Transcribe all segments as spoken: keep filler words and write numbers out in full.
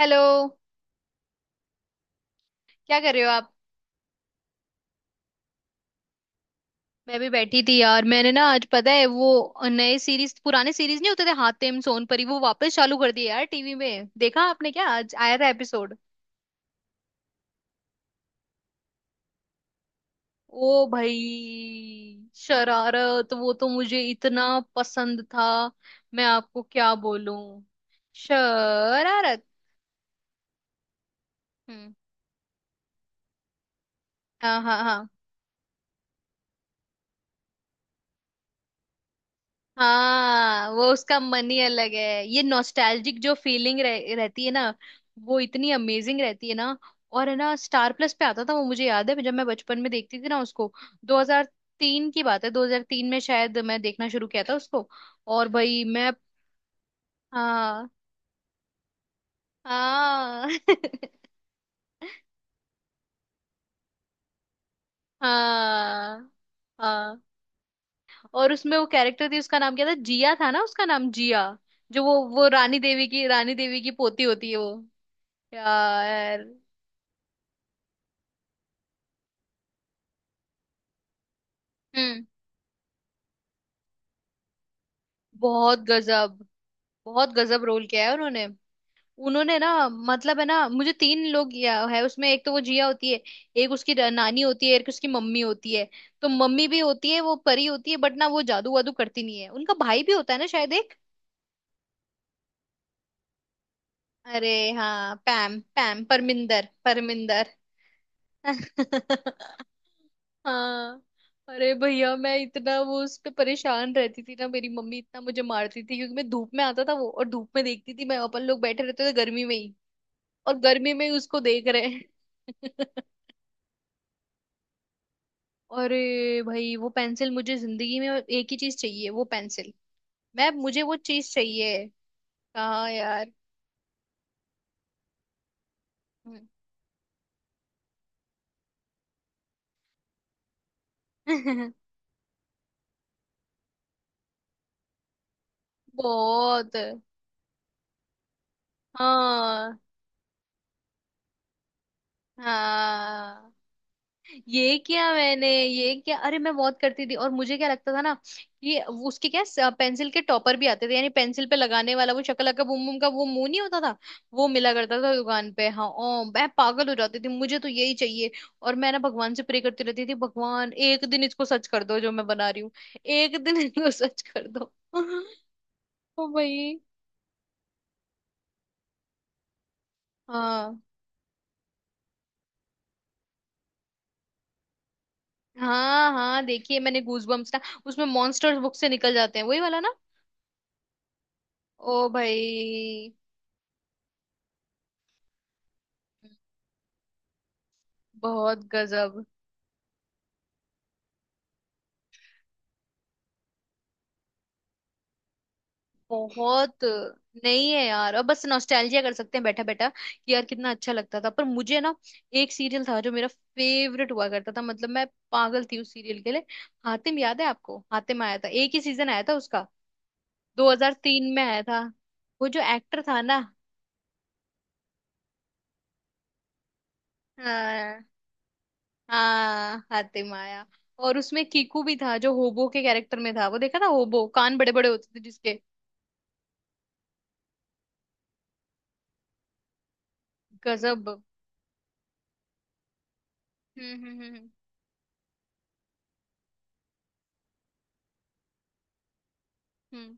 Hello. क्या कर रहे हो आप? मैं भी बैठी थी यार, मैंने ना आज पता है वो नए सीरीज पुराने सीरीज नहीं होते थे हातिम सोनपरी वो वापस चालू कर दिए। यार टीवी में देखा आपने? क्या आज आया था एपिसोड? ओ भाई शरारत वो तो मुझे इतना पसंद था। मैं आपको क्या बोलूं। शरारत। हम्म। हाँ हाँ हाँ। हाँ वो उसका मन ही अलग है। ये नॉस्टैल्जिक जो फीलिंग रह, रहती है ना, वो इतनी अमेजिंग रहती है ना। और है ना स्टार प्लस पे आता था, वो मुझे याद है जब मैं बचपन में देखती थी ना उसको। दो हज़ार तीन की बात है, दो हज़ार तीन में शायद मैं देखना शुरू किया था उसको। और भाई मैं। हाँ हाँ। हाँ हाँ। और उसमें वो कैरेक्टर थी, उसका नाम क्या था, जिया था ना उसका नाम, जिया। जो वो वो रानी देवी की रानी देवी की पोती होती है वो। यार। हम्म। बहुत गजब। बहुत गजब रोल किया है उन्होंने। उन्होंने ना, मतलब है ना, मुझे तीन लोग या है उसमें। एक तो वो जिया होती है, एक उसकी र- नानी होती है, एक उसकी मम्मी होती है। तो मम्मी भी होती है, वो परी होती है बट ना वो जादू वादू करती नहीं है। उनका भाई भी होता है ना शायद एक। अरे हाँ, पैम पैम, परमिंदर परमिंदर। हाँ। अरे भैया मैं इतना वो उस पे परेशान रहती थी ना, मेरी मम्मी इतना मुझे मारती थी क्योंकि मैं धूप में आता था वो और धूप में देखती थी मैं। अपन लोग बैठे रहते थे गर्मी में ही, और गर्मी में ही उसको देख रहे हैं। अरे भाई वो पेंसिल, मुझे जिंदगी में एक ही चीज चाहिए, वो पेंसिल। मैं, मुझे वो चीज चाहिए। कहाँ यार। बहुत। हाँ हाँ। ये किया मैंने, ये क्या। अरे मैं बहुत करती थी, और मुझे क्या लगता था ना कि वो- उसके क्या पेंसिल के टॉपर भी आते थे, यानी पेंसिल पे लगाने वाला वो शक्ल का बूम बूम का वो मुंह नहीं होता था वो मिला करता था दुकान पे। हाँ ओ मैं पागल हो जाती थी, मुझे तो यही चाहिए। और मैं ना भगवान से प्रे करती रहती थी, भगवान एक दिन इसको सच कर दो जो मैं बना रही हूँ, एक दिन इसको सच कर दो। ओ भाई। हाँ हाँ। हाँ देखिए, मैंने गूज बम्स ना, उसमें मॉन्स्टर्स बुक से निकल जाते हैं वही वाला ना। ओ भाई। बहुत गजब। बहुत। नहीं है यार अब, बस नॉस्टैल्जिया कर सकते हैं बैठा बैठा कि यार कितना अच्छा लगता था। पर मुझे ना एक सीरियल था जो मेरा फेवरेट हुआ करता था, मतलब मैं पागल थी उस सीरियल के लिए। हातिम, याद है आपको हातिम? आया था एक ही सीजन आया था उसका, दो हज़ार तीन में आया था। वो जो एक्टर था ना। हाँ। हाँ हातिम आया। और उसमें कीकू भी था जो होबो के कैरेक्टर में था, वो देखा था होबो? कान बड़े बड़े होते थे जिसके। गजब। हम्म हम्म हम्म। हम्म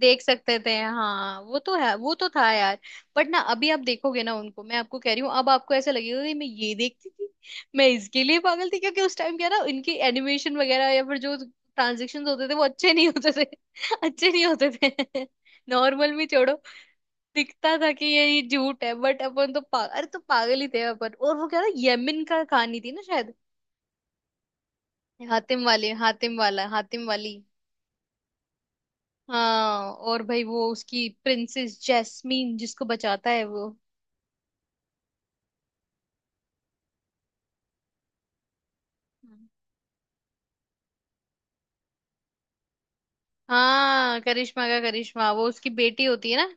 देख सकते थे, हाँ वो तो है, वो तो था यार। बट ना अभी आप देखोगे ना उनको, मैं आपको कह रही हूँ अब आपको ऐसा लगेगा कि मैं ये देखती थी, मैं इसके लिए पागल थी, क्योंकि उस टाइम क्या ना इनकी एनिमेशन वगैरह या फिर जो ट्रांजेक्शन होते थे वो अच्छे नहीं होते थे। अच्छे नहीं होते थे। नॉर्मल भी छोड़ो, दिखता था कि ये ये झूठ है, बट अपन तो पागल, अरे तो पागल ही थे अपन। और वो क्या था, यमन का कहानी थी ना शायद। हातिम वाले, हातिम वाला, हातिम वाली। हाँ। और भाई वो उसकी प्रिंसेस जैस्मीन जिसको बचाता है वो। हम्म। हाँ करिश्मा का करिश्मा, वो उसकी बेटी होती है ना।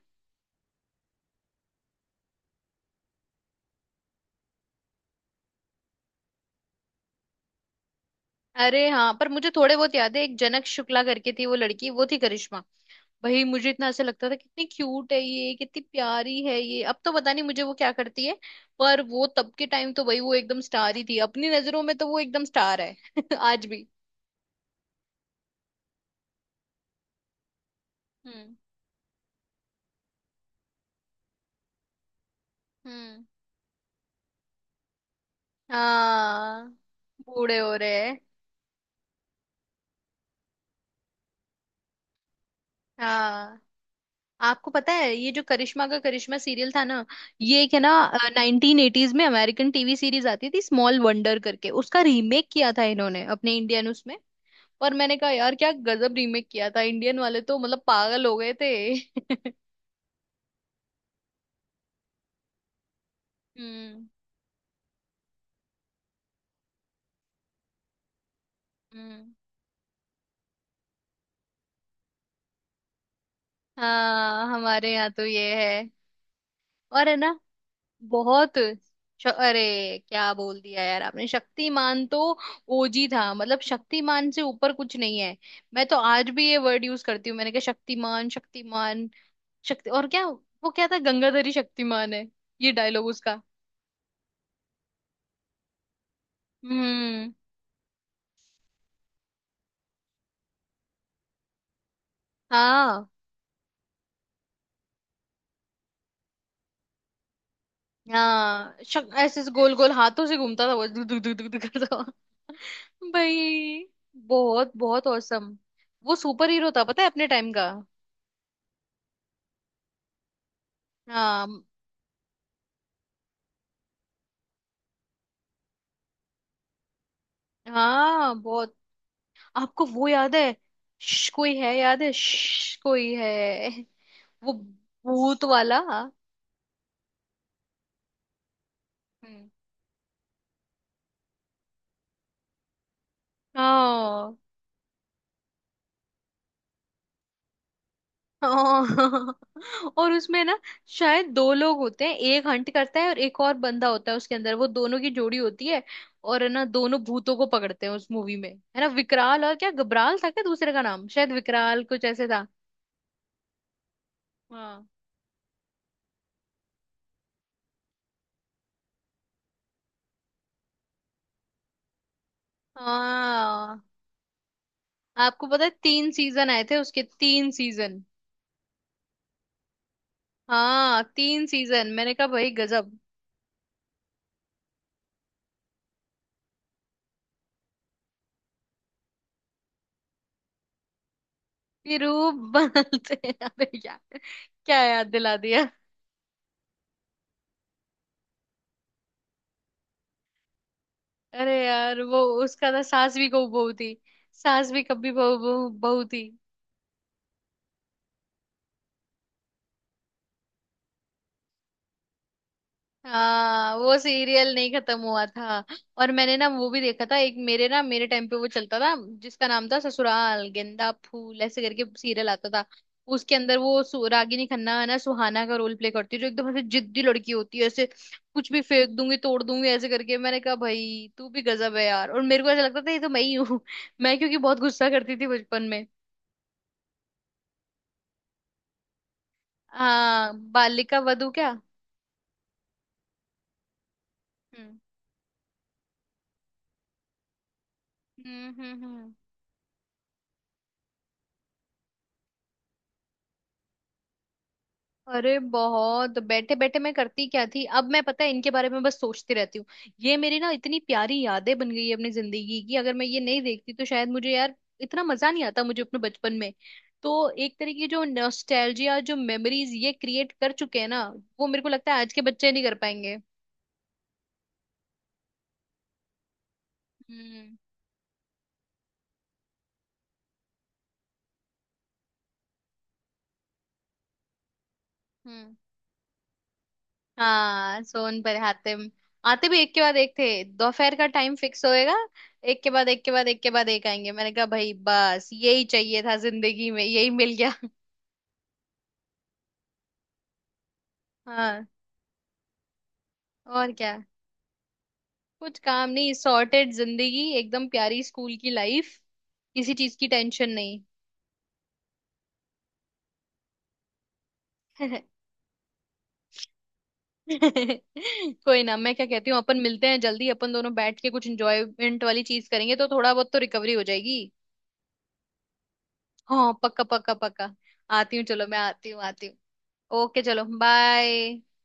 अरे हाँ, पर मुझे थोड़े बहुत याद है। एक जनक शुक्ला करके थी वो लड़की, वो थी करिश्मा। भाई मुझे इतना ऐसा लगता था कितनी क्यूट है ये, कितनी प्यारी है ये। अब तो पता नहीं मुझे वो क्या करती है, पर वो तब के टाइम तो भाई वो एकदम स्टार ही थी। अपनी नजरों में तो वो एकदम स्टार है। आज भी। हम्म हम्म। हाँ बूढ़े हो रहे हैं। हाँ आपको पता है ये जो करिश्मा का करिश्मा सीरियल था ना, ये एक है ना नाइनटीन एटीज में अमेरिकन टीवी सीरीज आती थी स्मॉल वंडर करके, उसका रीमेक किया था इन्होंने अपने इंडियन उसमें। और मैंने कहा यार क्या गजब रीमेक किया था, इंडियन वाले तो मतलब पागल हो गए थे। हम्म हम्म। हाँ हमारे यहाँ तो ये है। और है ना, बहुत, श-, अरे क्या बोल दिया यार आपने, शक्तिमान तो ओजी था, मतलब शक्तिमान से ऊपर कुछ नहीं है। मैं तो आज भी ये वर्ड यूज करती हूँ, मैंने कहा शक्तिमान शक्तिमान, शक्ति। और क्या वो क्या था, गंगाधरी शक्तिमान है, ये डायलॉग उसका। हम्म। हाँ हाँ शक, ऐसे ऐसे गोल गोल हाथों से घूमता था वो, दुक दुक दुक दुक दुक करता हुआ। भाई बहुत बहुत औसम, वो सुपर हीरो था पता है अपने टाइम का। हाँ। हाँ बहुत। आपको वो याद है, श, कोई है, याद है, श, कोई है, वो भूत वाला। हम्म। हाँ। हाँ। और उसमें ना शायद दो लोग होते हैं, एक हंट करता है और एक और बंदा होता है उसके अंदर, वो दोनों की जोड़ी होती है। और है ना दोनों भूतों को पकड़ते हैं उस मूवी में। है ना विकराल, और क्या गबराल था क्या दूसरे का नाम, शायद विकराल कुछ ऐसे था। हाँ हाँ। आपको पता है तीन सीजन आए थे उसके, तीन सीजन। हाँ तीन सीजन, मैंने कहा भाई गजब। ये रूप बदलते हैं, अरे यार क्या याद दिला दिया। अरे यार वो उसका था, सास भी बहू बहू थी, सास भी कभी बहू बहू बहू थी। हाँ वो सीरियल नहीं खत्म हुआ था, और मैंने ना वो भी देखा था। एक मेरे ना मेरे टाइम पे वो चलता था जिसका नाम था ससुराल गेंदा फूल, ऐसे करके सीरियल आता था। उसके अंदर वो सु- रागिनी खन्ना है ना सुहाना का रोल प्ले करती है, जो एकदम ऐसे जिद्दी लड़की होती है, ऐसे कुछ भी फेंक दूंगी तोड़ दूंगी ऐसे करके। मैंने कहा भाई तू भी गजब है यार। और मेरे को ऐसा लगता था ये तो मैं ही हूँ। मैं क्योंकि बहुत गुस्सा करती थी बचपन में। हाँ बालिका वधू क्या। हम्म हम्म हम्म। हम्म अरे बहुत बैठे बैठे मैं करती क्या थी अब, मैं पता है इनके बारे में बस सोचती रहती हूँ। ये मेरी ना इतनी प्यारी यादें बन गई है अपनी जिंदगी की, अगर मैं ये नहीं देखती तो शायद मुझे यार इतना मजा नहीं आता मुझे अपने बचपन में। तो एक तरीके की जो नॉस्टैल्जिया, जो मेमोरीज ये क्रिएट कर चुके हैं ना, वो मेरे को लगता है आज के बच्चे नहीं कर पाएंगे। हम्म हम्म। हाँ सोन पर हातिम, आते भी एक के बाद एक थे, दोपहर का टाइम फिक्स होएगा, एक के बाद एक के बाद एक के बाद एक आएंगे। मैंने कहा भाई बस यही चाहिए था जिंदगी में, यही मिल गया। हाँ, और क्या। कुछ काम नहीं, सॉर्टेड जिंदगी एकदम प्यारी स्कूल की लाइफ, किसी चीज की टेंशन नहीं। कोई ना, मैं क्या कहती हूँ, अपन मिलते हैं जल्दी, अपन दोनों बैठ के कुछ एंजॉयमेंट वाली चीज करेंगे, तो थोड़ा बहुत तो रिकवरी हो जाएगी। हाँ पक्का पक्का पक्का। आती हूँ, चलो मैं आती हूँ, आती हूँ। ओके चलो बाय।